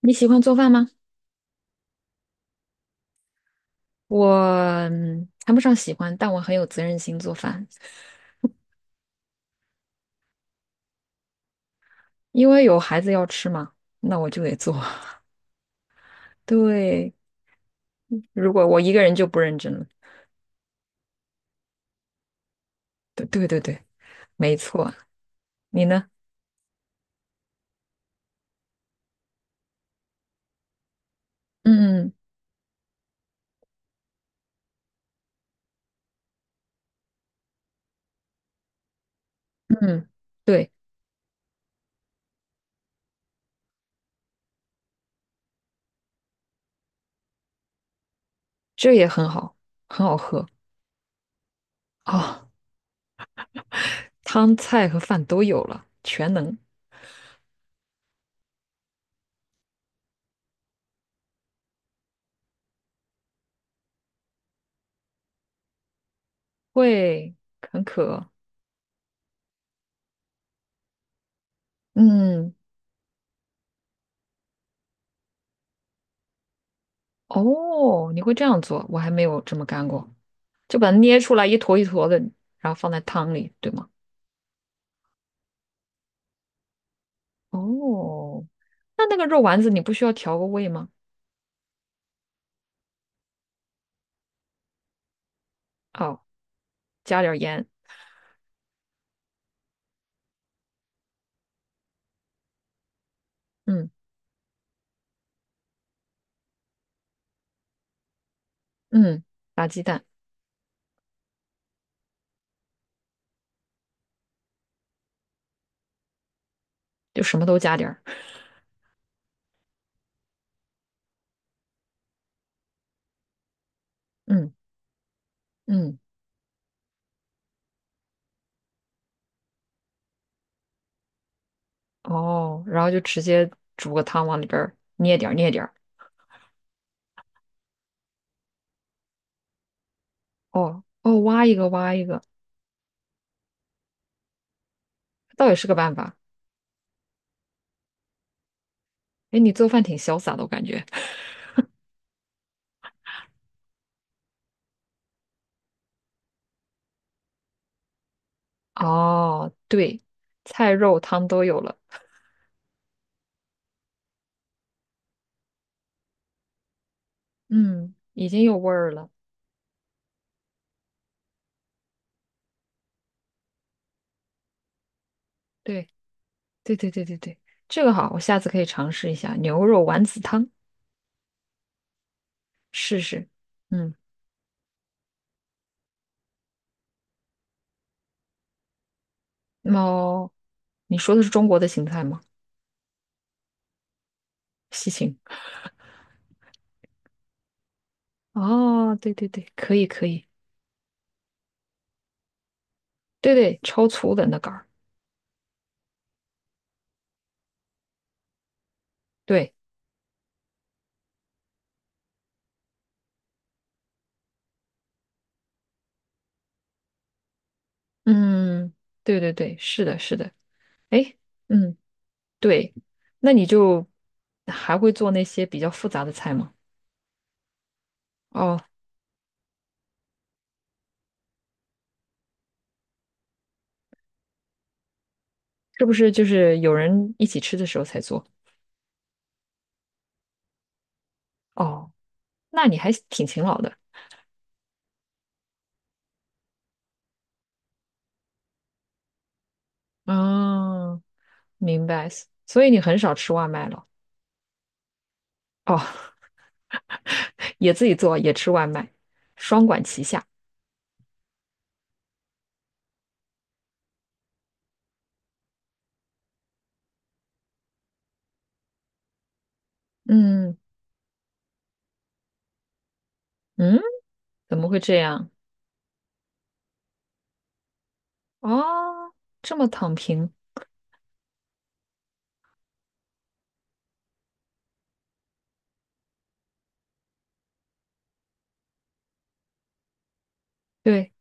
你喜欢做饭吗？我谈不上喜欢，但我很有责任心做饭，因为有孩子要吃嘛，那我就得做。对，如果我一个人就不认真了。对对对对，没错。你呢？嗯嗯，对，这也很好，很好喝哦，汤菜和饭都有了，全能，会很可。嗯，哦，你会这样做，我还没有这么干过，就把它捏出来一坨一坨的，然后放在汤里，对吗？哦，那个肉丸子你不需要调个味吗？哦，加点儿盐，嗯嗯，打鸡蛋就什么都加点儿，嗯嗯，哦，然后就直接煮个汤往里边儿捏点儿捏点儿，哦哦，挖一个挖一个，倒也是个办法。哎，你做饭挺潇洒的，我感觉。哦，对，菜肉汤都有了，嗯，已经有味儿了。对对对对对对，这个好，我下次可以尝试一下牛肉丸子汤，试试。嗯。猫。你说的是中国的芹菜吗？西芹。哦，对对对，可以可以，对对，超粗的那杆儿。对，嗯，对对对，是的，是的。哎，嗯，对，那你就还会做那些比较复杂的菜吗？哦，是不是就是有人一起吃的时候才做？哦，那你还挺勤劳的。嗯，明白。所以你很少吃外卖了。哦，也自己做，也吃外卖，双管齐下。嗯嗯，怎么会这样？哦，这么躺平，对，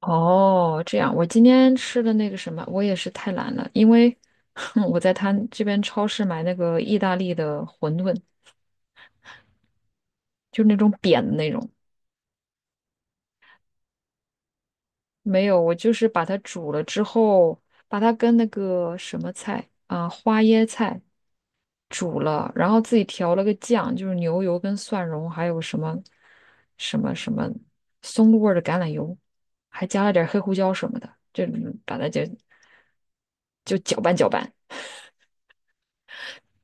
哦，这样。我今天吃的那个什么，我也是太懒了，因为 我在他这边超市买那个意大利的馄饨，就那种扁的那种。没有，我就是把它煮了之后，把它跟那个什么菜啊，花椰菜煮了，然后自己调了个酱，就是牛油跟蒜蓉，还有什么什么什么松露味儿的橄榄油，还加了点儿黑胡椒什么的，就把它就搅拌搅拌。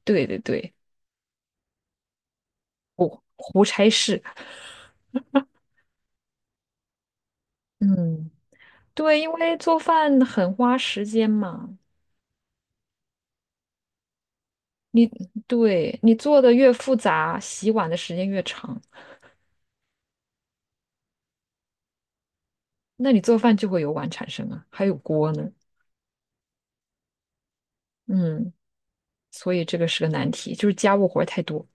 对对对，胡差事。嗯，对，因为做饭很花时间嘛，你对你做的越复杂，洗碗的时间越长，那你做饭就会有碗产生啊，还有锅呢。嗯，所以这个是个难题，就是家务活儿太多。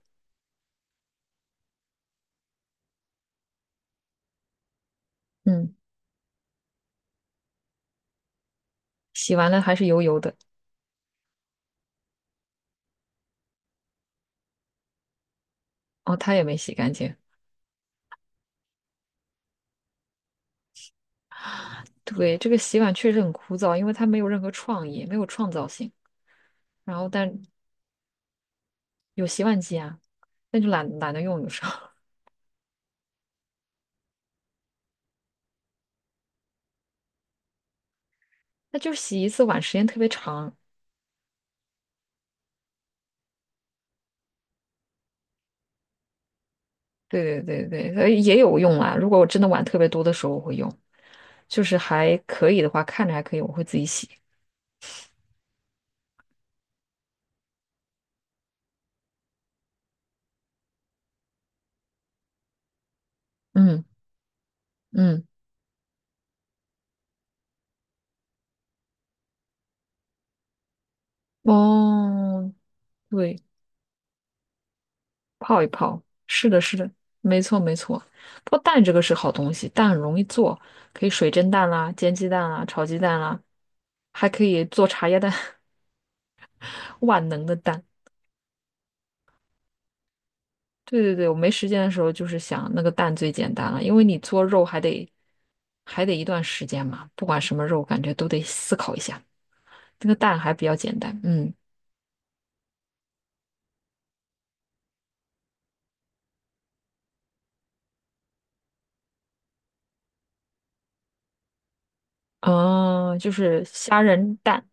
嗯，洗完了还是油油的，哦，他也没洗干净。对，这个洗碗确实很枯燥，因为它没有任何创意，没有创造性。然后但有洗碗机啊，那就懒得用，有时候。那就是洗一次碗时间特别长。对对对对，也有用啦。如果我真的碗特别多的时候，我会用，就是还可以的话，看着还可以，我会自己洗。嗯嗯，哦，对，泡一泡，是的，是的，没错没错。不过蛋这个是好东西，蛋很容易做，可以水蒸蛋啦、煎鸡蛋啦、炒鸡蛋啦，还可以做茶叶蛋，万能的蛋。对对对，我没时间的时候就是想那个蛋最简单了，因为你做肉还得一段时间嘛，不管什么肉，感觉都得思考一下。那个蛋还比较简单，嗯，哦，就是虾仁蛋，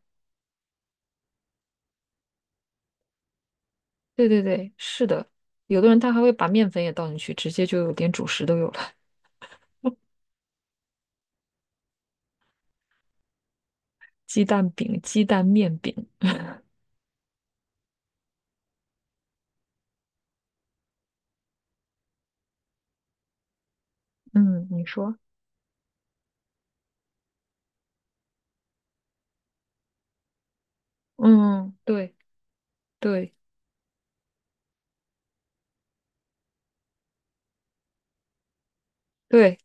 对对对，是的。有的人他还会把面粉也倒进去，直接就有点主食都有了，鸡蛋饼、鸡蛋面饼。嗯，你说，嗯，对对对，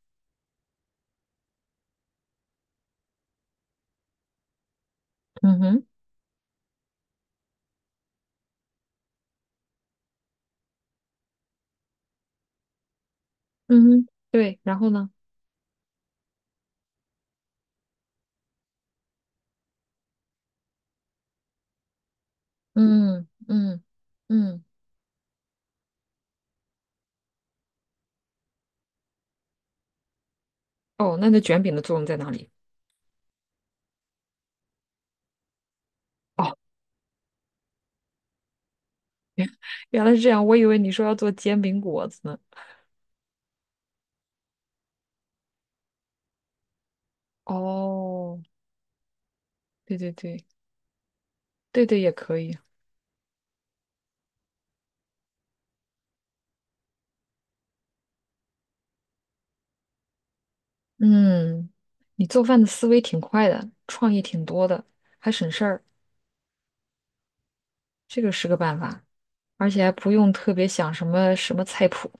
嗯哼，嗯哼，对，然后呢？嗯嗯嗯，哦，那卷饼的作用在哪里？哦。原来是这样，我以为你说要做煎饼果子呢。哦，对对对，对对也可以。嗯，你做饭的思维挺快的，创意挺多的，还省事儿，这个是个办法，而且还不用特别想什么什么菜谱。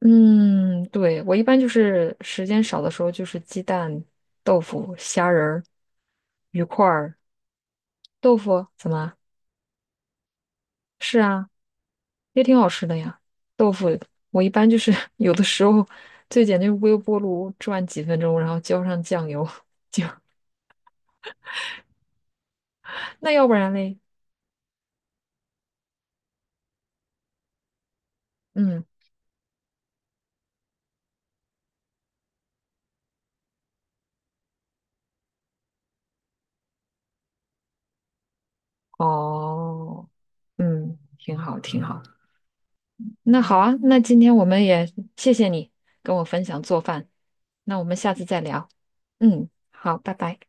嗯，对，我一般就是时间少的时候，就是鸡蛋、豆腐、虾仁儿、鱼块儿、豆腐，怎么？是啊。也挺好吃的呀。豆腐我一般就是 有的时候最简单就是微波炉转几分钟，然后浇上酱油。那要不然嘞？嗯，哦，嗯，挺好，挺好。那好啊，那今天我们也谢谢你跟我分享做饭，那我们下次再聊。嗯，好，拜拜。